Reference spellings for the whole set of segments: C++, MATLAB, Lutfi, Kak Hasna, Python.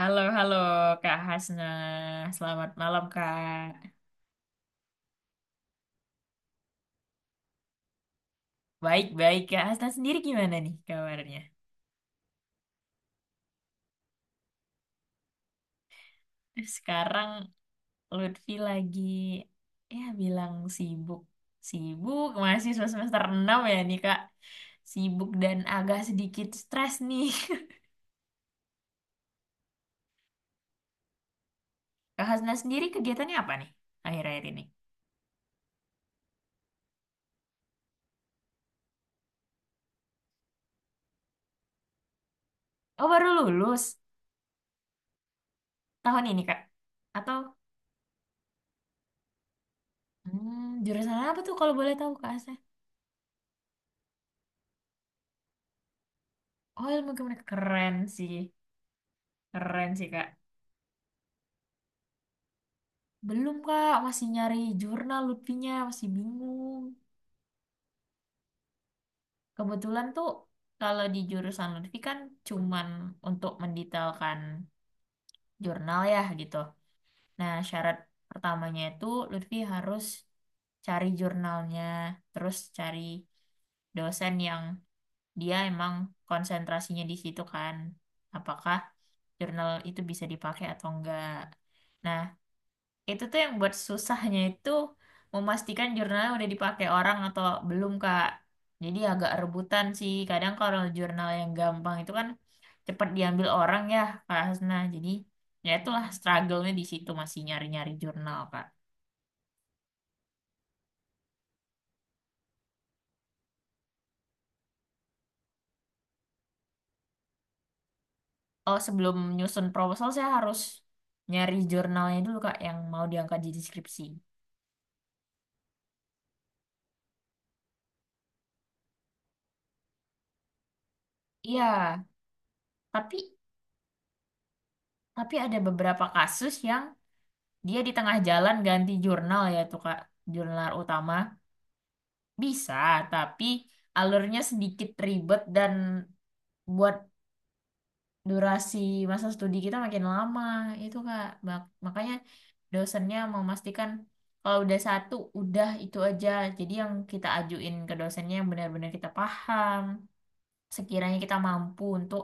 Halo, halo Kak Hasna. Selamat malam, Kak. Baik-baik, Kak Hasna sendiri gimana nih kabarnya? Sekarang Lutfi lagi, ya bilang sibuk. Sibuk, masih semester 6 ya nih, Kak. Sibuk dan agak sedikit stres nih. Kak Hasna sendiri kegiatannya apa nih akhir-akhir ini? Oh, baru lulus tahun ini, Kak. Atau jurusan apa tuh kalau boleh tahu, Kak Hasna? Oh, ilmu komunikasi. Keren sih. Keren sih, Kak. Belum Kak, masih nyari jurnal Lutfinya, masih bingung. Kebetulan tuh kalau di jurusan Lutfi kan cuman untuk mendetailkan jurnal ya gitu. Nah, syarat pertamanya itu Lutfi harus cari jurnalnya, terus cari dosen yang dia emang konsentrasinya di situ kan. Apakah jurnal itu bisa dipakai atau enggak. Nah, itu tuh yang buat susahnya itu memastikan jurnalnya udah dipakai orang atau belum, Kak. Jadi agak rebutan sih. Kadang kalau jurnal yang gampang itu kan cepat diambil orang ya, Kak Hasna. Jadi ya itulah struggle-nya di situ masih nyari-nyari jurnal, Kak. Oh, sebelum nyusun proposal saya harus nyari jurnalnya dulu, Kak, yang mau diangkat di deskripsi. Iya, tapi tapi ada beberapa kasus yang dia di tengah jalan ganti jurnal ya tuh Kak, jurnal utama. Bisa, tapi alurnya sedikit ribet dan buat durasi masa studi kita makin lama. Itu Kak, makanya dosennya memastikan kalau udah satu, udah itu aja. Jadi yang kita ajuin ke dosennya yang benar-benar kita paham. Sekiranya kita mampu untuk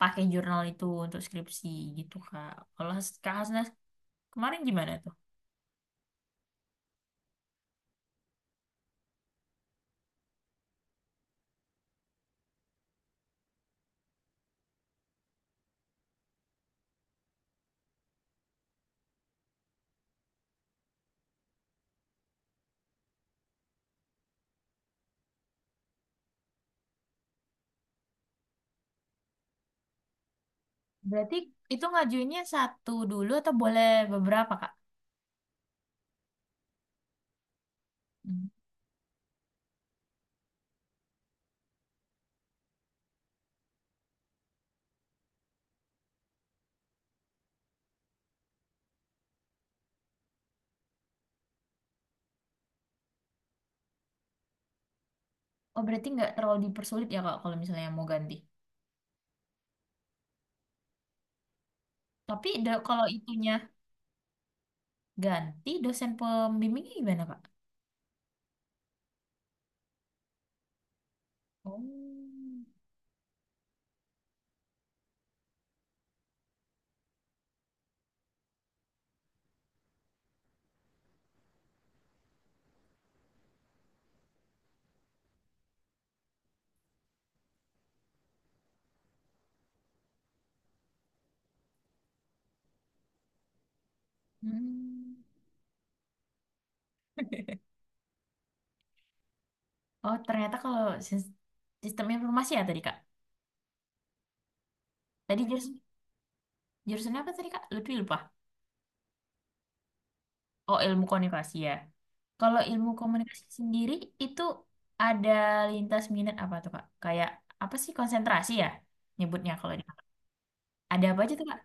pakai jurnal itu untuk skripsi gitu Kak. Kalau Kak Hasnas kemarin gimana tuh? Berarti itu ngajuinnya satu dulu atau boleh beberapa Kak? Oh, berarti nggak terlalu dipersulit ya, Kak, kalau misalnya mau ganti. Tapi kalau itunya ganti, dosen pembimbingnya gimana, Kak? Oh. Hmm. Oh, ternyata kalau sis- sistem informasi ya tadi, Kak. Tadi jurusannya apa tadi, Kak? Lebih lupa. Oh, ilmu komunikasi ya. Kalau ilmu komunikasi sendiri, itu ada lintas minat apa tuh, Kak? Kayak apa sih konsentrasi ya nyebutnya kalau di. Ada apa aja tuh, Kak?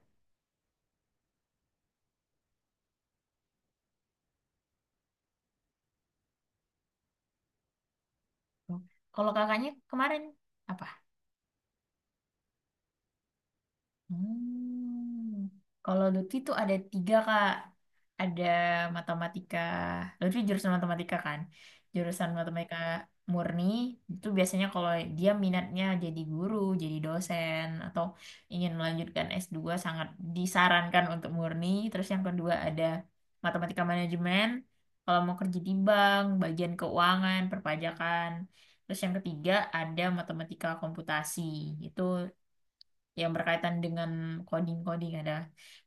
Kalau kakaknya kemarin apa? Hmm. Kalau Lutfi tuh ada tiga kak, ada matematika. Lutfi jurusan matematika kan, jurusan matematika murni itu biasanya kalau dia minatnya jadi guru, jadi dosen atau ingin melanjutkan S2 sangat disarankan untuk murni. Terus yang kedua ada matematika manajemen, kalau mau kerja di bank, bagian keuangan, perpajakan. Terus yang ketiga ada matematika komputasi. Itu yang berkaitan dengan coding-coding ada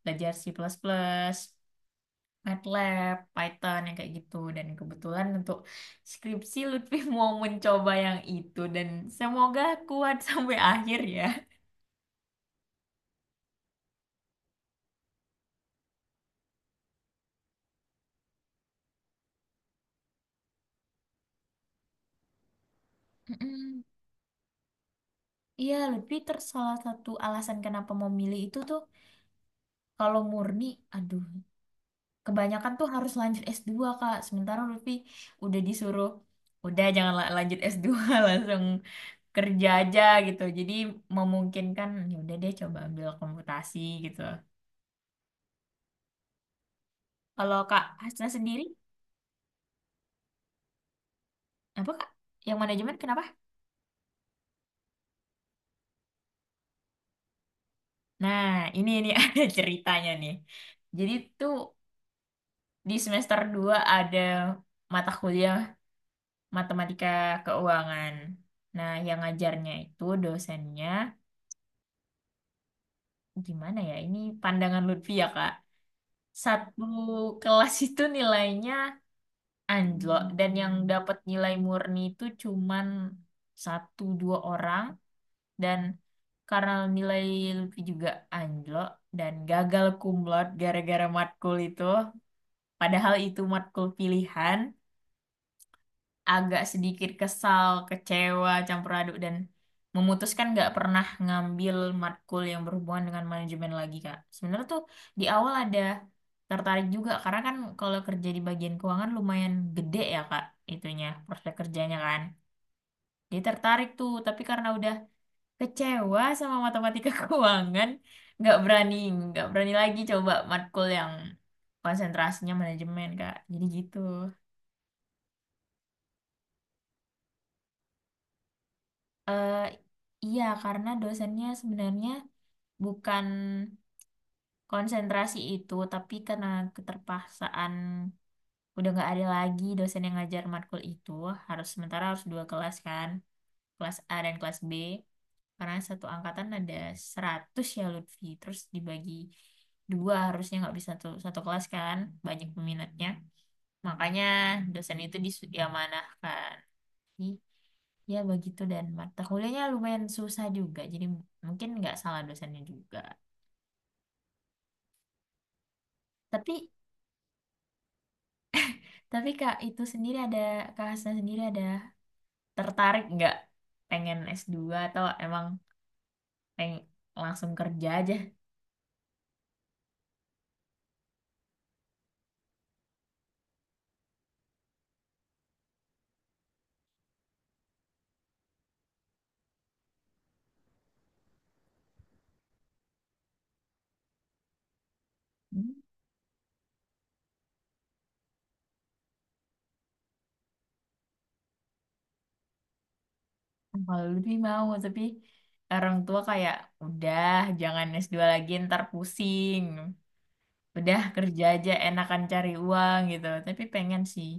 belajar C++, plus plus, MATLAB, Python yang kayak gitu dan kebetulan untuk skripsi Lutfi mau mencoba yang itu dan semoga kuat sampai akhir ya. Mm-mm. Iya, Lutfi salah satu alasan kenapa mau milih itu tuh kalau murni, aduh kebanyakan tuh harus lanjut S2 Kak. Sementara Lutfi udah disuruh, udah jangan lanjut S2 langsung kerja aja gitu. Jadi memungkinkan ya udah deh coba ambil komputasi gitu. Kalau Kak Hasna sendiri apa Kak? Yang manajemen kenapa? Nah, ini ada ceritanya nih. Jadi tuh di semester 2 ada mata kuliah matematika keuangan. Nah, yang ngajarnya itu dosennya gimana ya? Ini pandangan Lutfi ya, Kak. Satu kelas itu nilainya anjlok dan yang dapat nilai murni itu cuman satu dua orang dan karena nilai Lutfi juga anjlok dan gagal kumlot gara-gara matkul itu padahal itu matkul pilihan agak sedikit kesal, kecewa, campur aduk dan memutuskan nggak pernah ngambil matkul yang berhubungan dengan manajemen lagi Kak. Sebenarnya tuh di awal ada tertarik juga karena kan kalau kerja di bagian keuangan lumayan gede ya Kak itunya prospek kerjanya kan. Dia tertarik tuh tapi karena udah kecewa sama matematika keuangan nggak berani nggak berani lagi coba matkul yang konsentrasinya manajemen Kak. Jadi gitu. Eh, iya, karena dosennya sebenarnya bukan konsentrasi itu, tapi karena keterpaksaan udah nggak ada lagi dosen yang ngajar matkul itu, harus sementara harus dua kelas kan, kelas A dan kelas B, karena satu angkatan ada 100 ya Lutfi, terus dibagi dua harusnya nggak bisa satu, satu kelas kan, banyak peminatnya. Makanya dosen itu diamanahkan. Jadi, ya begitu dan mata kuliahnya lumayan susah juga. Jadi mungkin nggak salah dosennya juga. Tapi tapi Kak Hasna sendiri ada tertarik nggak pengen S2 atau emang peng langsung kerja aja? Hmm, Kalau lebih mau tapi orang tua kayak udah jangan S2 lagi ntar pusing. Udah kerja aja enakan cari uang gitu. Tapi pengen sih.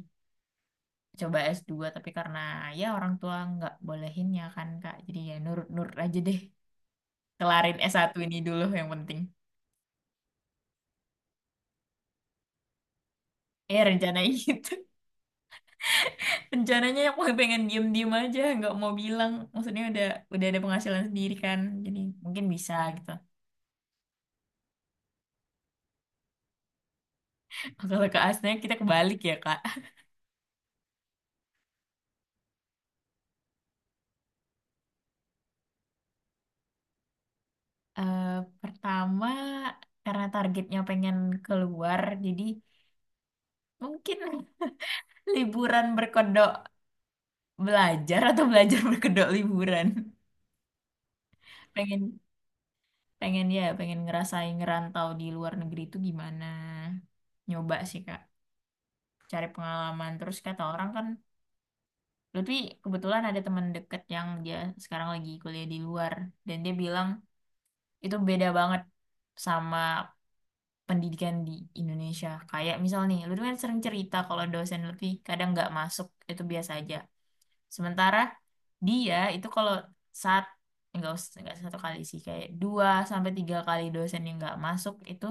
Coba S2 tapi karena ya orang tua nggak bolehin ya kan Kak jadi ya nurut-nurut aja deh kelarin S1 ini dulu yang penting rencananya gitu. Rencananya aku pengen diem-diem aja nggak mau bilang maksudnya udah ada penghasilan sendiri kan jadi mungkin bisa gitu. Kalau ke asnya kita kebalik ya Kak. Eh, pertama karena targetnya pengen keluar jadi mungkin liburan berkedok belajar atau belajar berkedok liburan. Pengen pengen ya pengen ngerasain ngerantau di luar negeri itu gimana, nyoba sih kak, cari pengalaman. Terus kata orang kan Lutfi kebetulan ada teman deket yang dia sekarang lagi kuliah di luar, dan dia bilang itu beda banget sama pendidikan di Indonesia. Kayak misal nih Lutfi kan sering cerita kalau dosen Lutfi kadang nggak masuk itu biasa aja. Sementara dia itu kalau saat enggak enggak satu kali sih, kayak 2 sampai 3 kali dosen yang nggak masuk itu.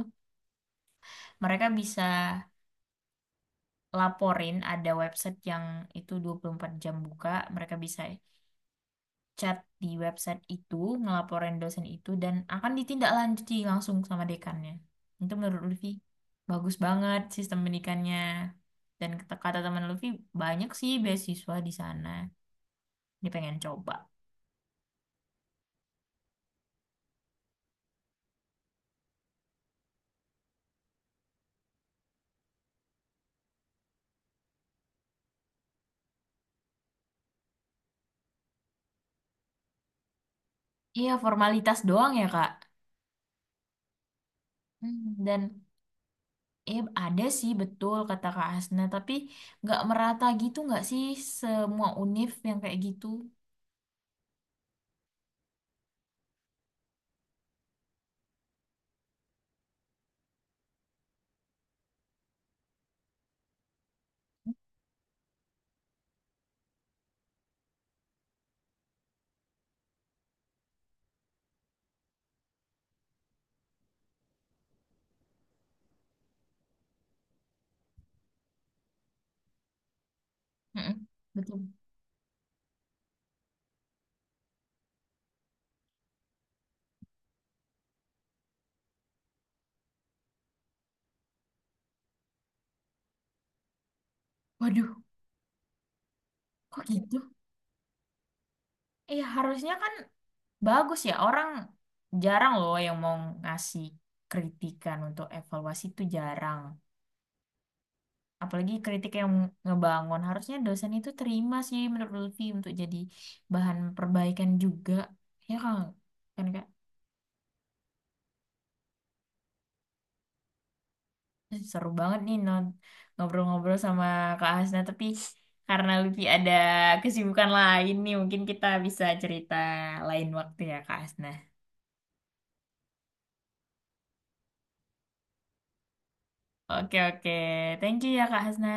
Mereka bisa laporin, ada website yang itu 24 jam buka. Mereka bisa chat di website itu, ngelaporin dosen itu, dan akan ditindaklanjuti langsung sama dekannya. Itu menurut Lutfi bagus banget sistem pendidikannya. Dan kata kata teman Lutfi, banyak sih beasiswa di sana. Dia pengen coba. Iya, formalitas doang ya, Kak. Dan ada sih betul kata Kak Hasna, tapi nggak merata gitu nggak sih semua univ yang kayak gitu? Mm-mm, betul. Waduh, kok gitu? Iya, harusnya kan bagus ya. Orang jarang loh yang mau ngasih kritikan untuk evaluasi itu jarang. Apalagi kritik yang ngebangun. Harusnya dosen itu terima sih menurut Lutfi untuk jadi bahan perbaikan juga. Ya kan, kan Kak? Seru banget nih ngobrol-ngobrol sama Kak Hasna. Tapi karena Lutfi ada kesibukan lain nih, mungkin kita bisa cerita lain waktu ya Kak Hasna. Oke, oke. Thank you ya, Kak Hasna.